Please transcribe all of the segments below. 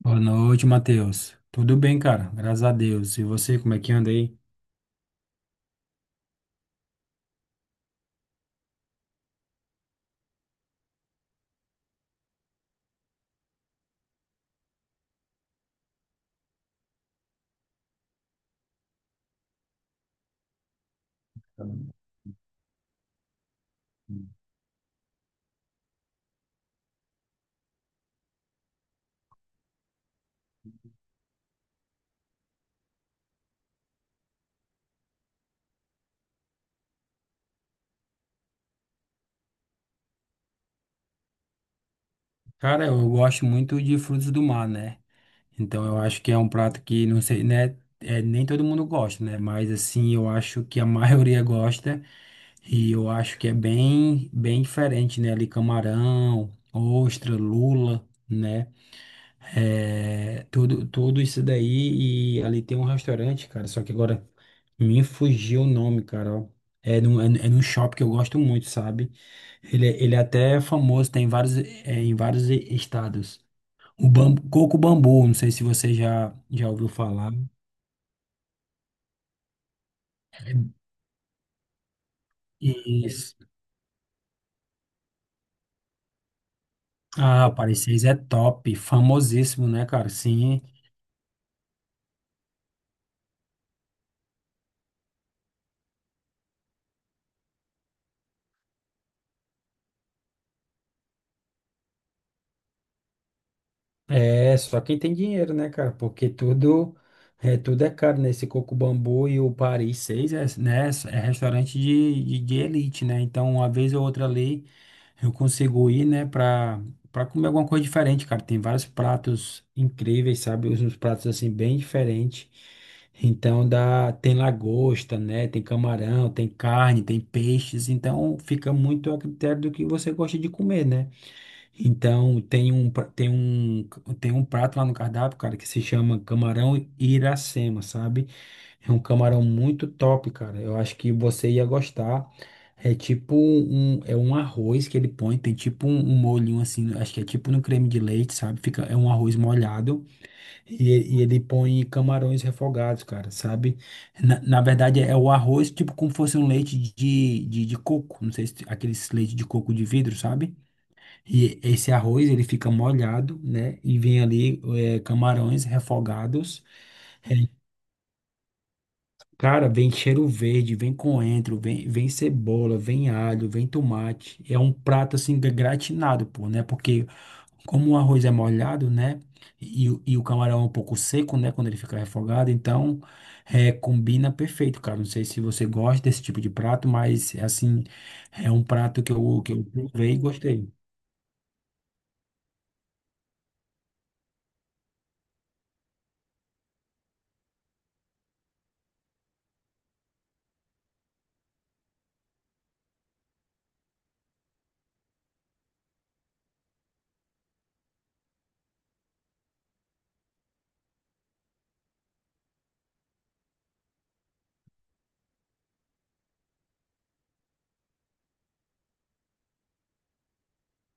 Boa noite, Matheus. Tudo bem, cara? Graças a Deus. E você, como é que anda aí? Cara, eu gosto muito de frutos do mar, né? Então eu acho que é um prato que, não sei, né? É, nem todo mundo gosta, né? Mas assim, eu acho que a maioria gosta. E eu acho que é bem, bem diferente, né? Ali camarão, ostra, lula, né? É, tudo isso daí e ali tem um restaurante, cara, só que agora me fugiu o nome, cara, ó. É num shopping que eu gosto muito, sabe? Ele é até famoso, tem em vários estados. Coco bambu, não sei se você já ouviu falar. Isso. Ah, o Paris 6 é top, famosíssimo, né, cara? Sim. É, só quem tem dinheiro, né, cara? Porque tudo é caro, né? Esse Coco Bambu e o Paris 6 é, né, é restaurante de elite, né? Então, uma vez ou outra ali, eu consigo ir, né, pra comer alguma coisa diferente, cara. Tem vários pratos incríveis, sabe? Uns pratos, assim, bem diferentes. Então, dá, tem lagosta, né? Tem camarão, tem carne, tem peixes. Então, fica muito a critério do que você gosta de comer, né? Então, tem um prato lá no cardápio, cara, que se chama camarão Iracema, sabe? É um camarão muito top, cara. Eu acho que você ia gostar. É um arroz que ele põe, tem tipo um molhinho assim, acho que é tipo no creme de leite, sabe? Fica, é um arroz molhado e ele põe camarões refogados, cara, sabe? Na verdade é o arroz tipo como fosse um leite de coco, não sei se aqueles leite de coco de vidro, sabe? E esse arroz, ele fica molhado, né? E vem ali camarões refogados. Cara, vem cheiro verde, vem coentro, vem cebola, vem alho, vem tomate. É um prato, assim, gratinado, pô, né? Porque como o arroz é molhado, né? E o camarão é um pouco seco, né? Quando ele fica refogado. Então, combina perfeito, cara. Não sei se você gosta desse tipo de prato, mas, assim, é um prato que que eu provei e gostei.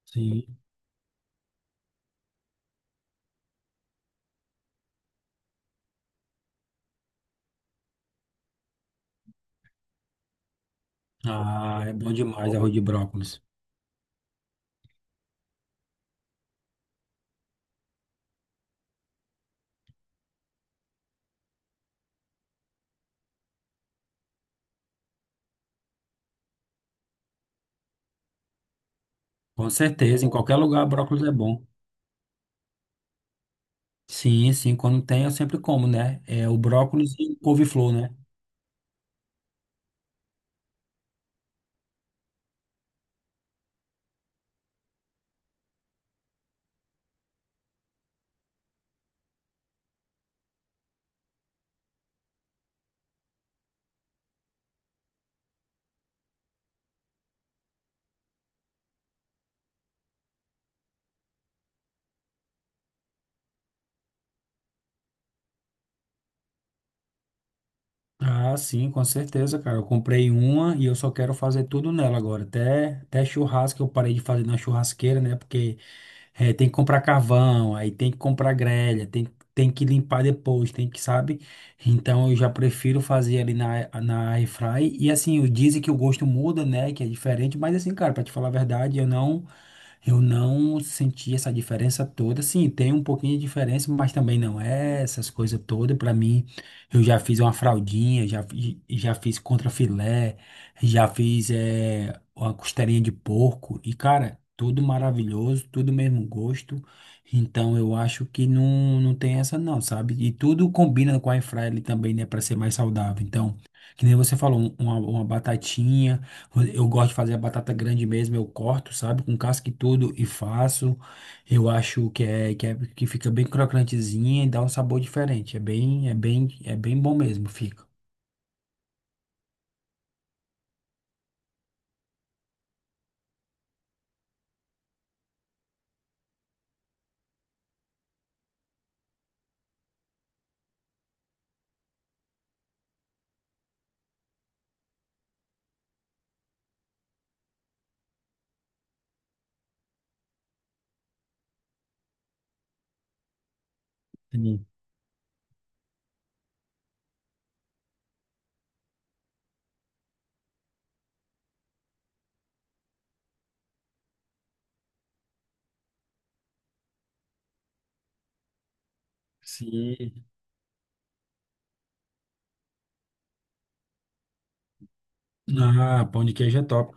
Sim. Ah, é bom demais arroz de brócolis. Com certeza, em qualquer lugar brócolis é bom. Sim, sim, quando tem eu sempre como, né? É o brócolis e couve-flor, né? Ah, sim, com certeza, cara. Eu comprei uma e eu só quero fazer tudo nela agora. Até churrasco eu parei de fazer na churrasqueira, né? Porque tem que comprar carvão, aí tem que comprar grelha, tem que limpar depois, tem que, sabe? Então eu já prefiro fazer ali na, na air fry. E assim, dizem que o gosto muda, né? Que é diferente, mas assim, cara, pra te falar a verdade, eu não senti essa diferença toda. Sim, tem um pouquinho de diferença, mas também não é essas coisas todas. Para mim, eu já fiz uma fraldinha, já fiz contrafilé, já fiz. é, uma costelinha de porco e, cara, tudo maravilhoso, tudo mesmo gosto. Então eu acho que não tem essa não, sabe? E tudo combina com a airfryer ali também, né, para ser mais saudável. Então, que nem você falou, uma batatinha, eu gosto de fazer a batata grande mesmo, eu corto, sabe, com casca e tudo e faço. Eu acho que que fica bem crocantezinha e dá um sabor diferente. É bem bom mesmo, fica. Sim. Sim. Ah, pão de queijo é top,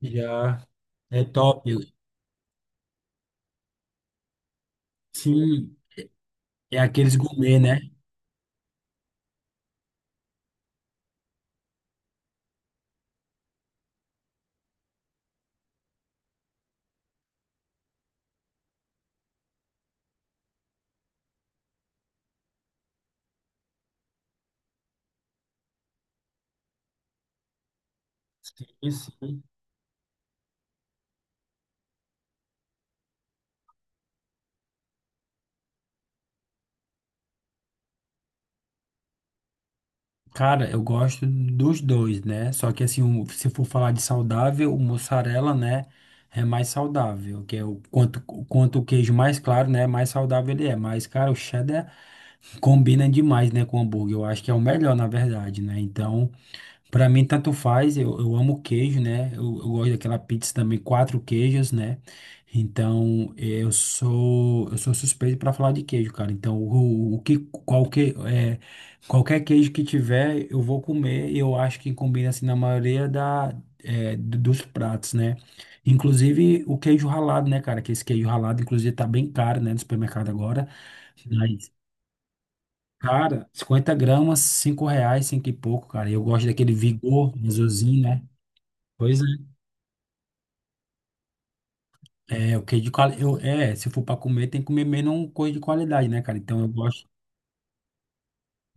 já é top. Sim, é aqueles gourmet, né? Sim, sim. Cara, eu gosto dos dois, né? Só que assim, se for falar de saudável, o mussarela, né, é mais saudável, que é o quanto o queijo mais claro, né, mais saudável ele é. Mas, cara, o cheddar combina demais, né, com o hambúrguer. Eu acho que é o melhor, na verdade, né? Então, pra mim, tanto faz, eu amo queijo, né? Eu gosto daquela pizza também, quatro queijos, né? Então, eu sou suspeito pra falar de queijo, cara. Então, qualquer, é, qualquer queijo que tiver, eu vou comer. E eu acho que combina, assim, na maioria dos pratos, né? Inclusive, o queijo ralado, né, cara? Que esse queijo ralado, inclusive, tá bem caro, né, no supermercado agora. Cara, 50 g, R$ 5, 5 e pouco, cara. Eu gosto daquele Vigor azulzinho, né? Pois é. É, o que de quali... eu, é, se for pra comer, tem que comer menos um coisa de qualidade, né, cara? Então eu gosto.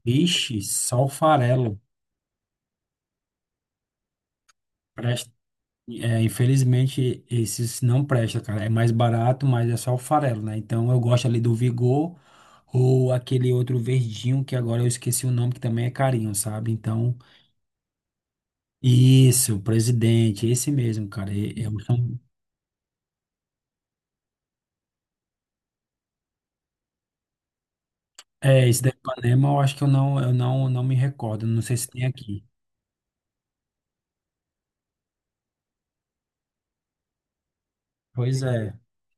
Vixe, só o farelo. Presta... É, infelizmente, esses não prestam, cara. É mais barato, mas é só o farelo, né? Então eu gosto ali do Vigor ou aquele outro verdinho que agora eu esqueci o nome, que também é carinho, sabe? Então, isso, Presidente, esse mesmo, cara. É, esse da Ipanema eu acho que eu não, não me recordo, não sei se tem aqui. Pois é,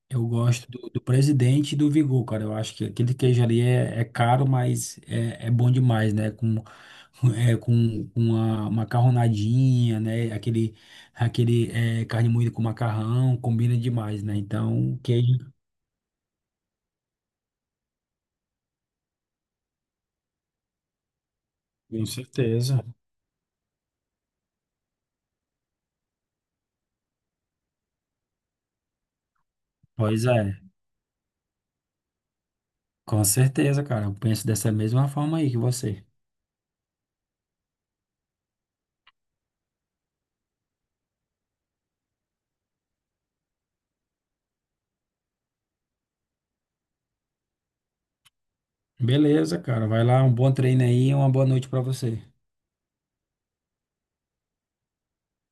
eu gosto do Presidente e do Vigor, cara. Eu acho que aquele queijo ali é caro, mas é bom demais, né? Com, com uma macarronadinha, né? Aquele carne moída com macarrão, combina demais, né? Então, queijo. Com certeza. Pois é, com certeza, cara. Eu penso dessa mesma forma aí que você. Beleza, cara. Vai lá, um bom treino aí e uma boa noite pra você.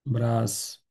Um abraço.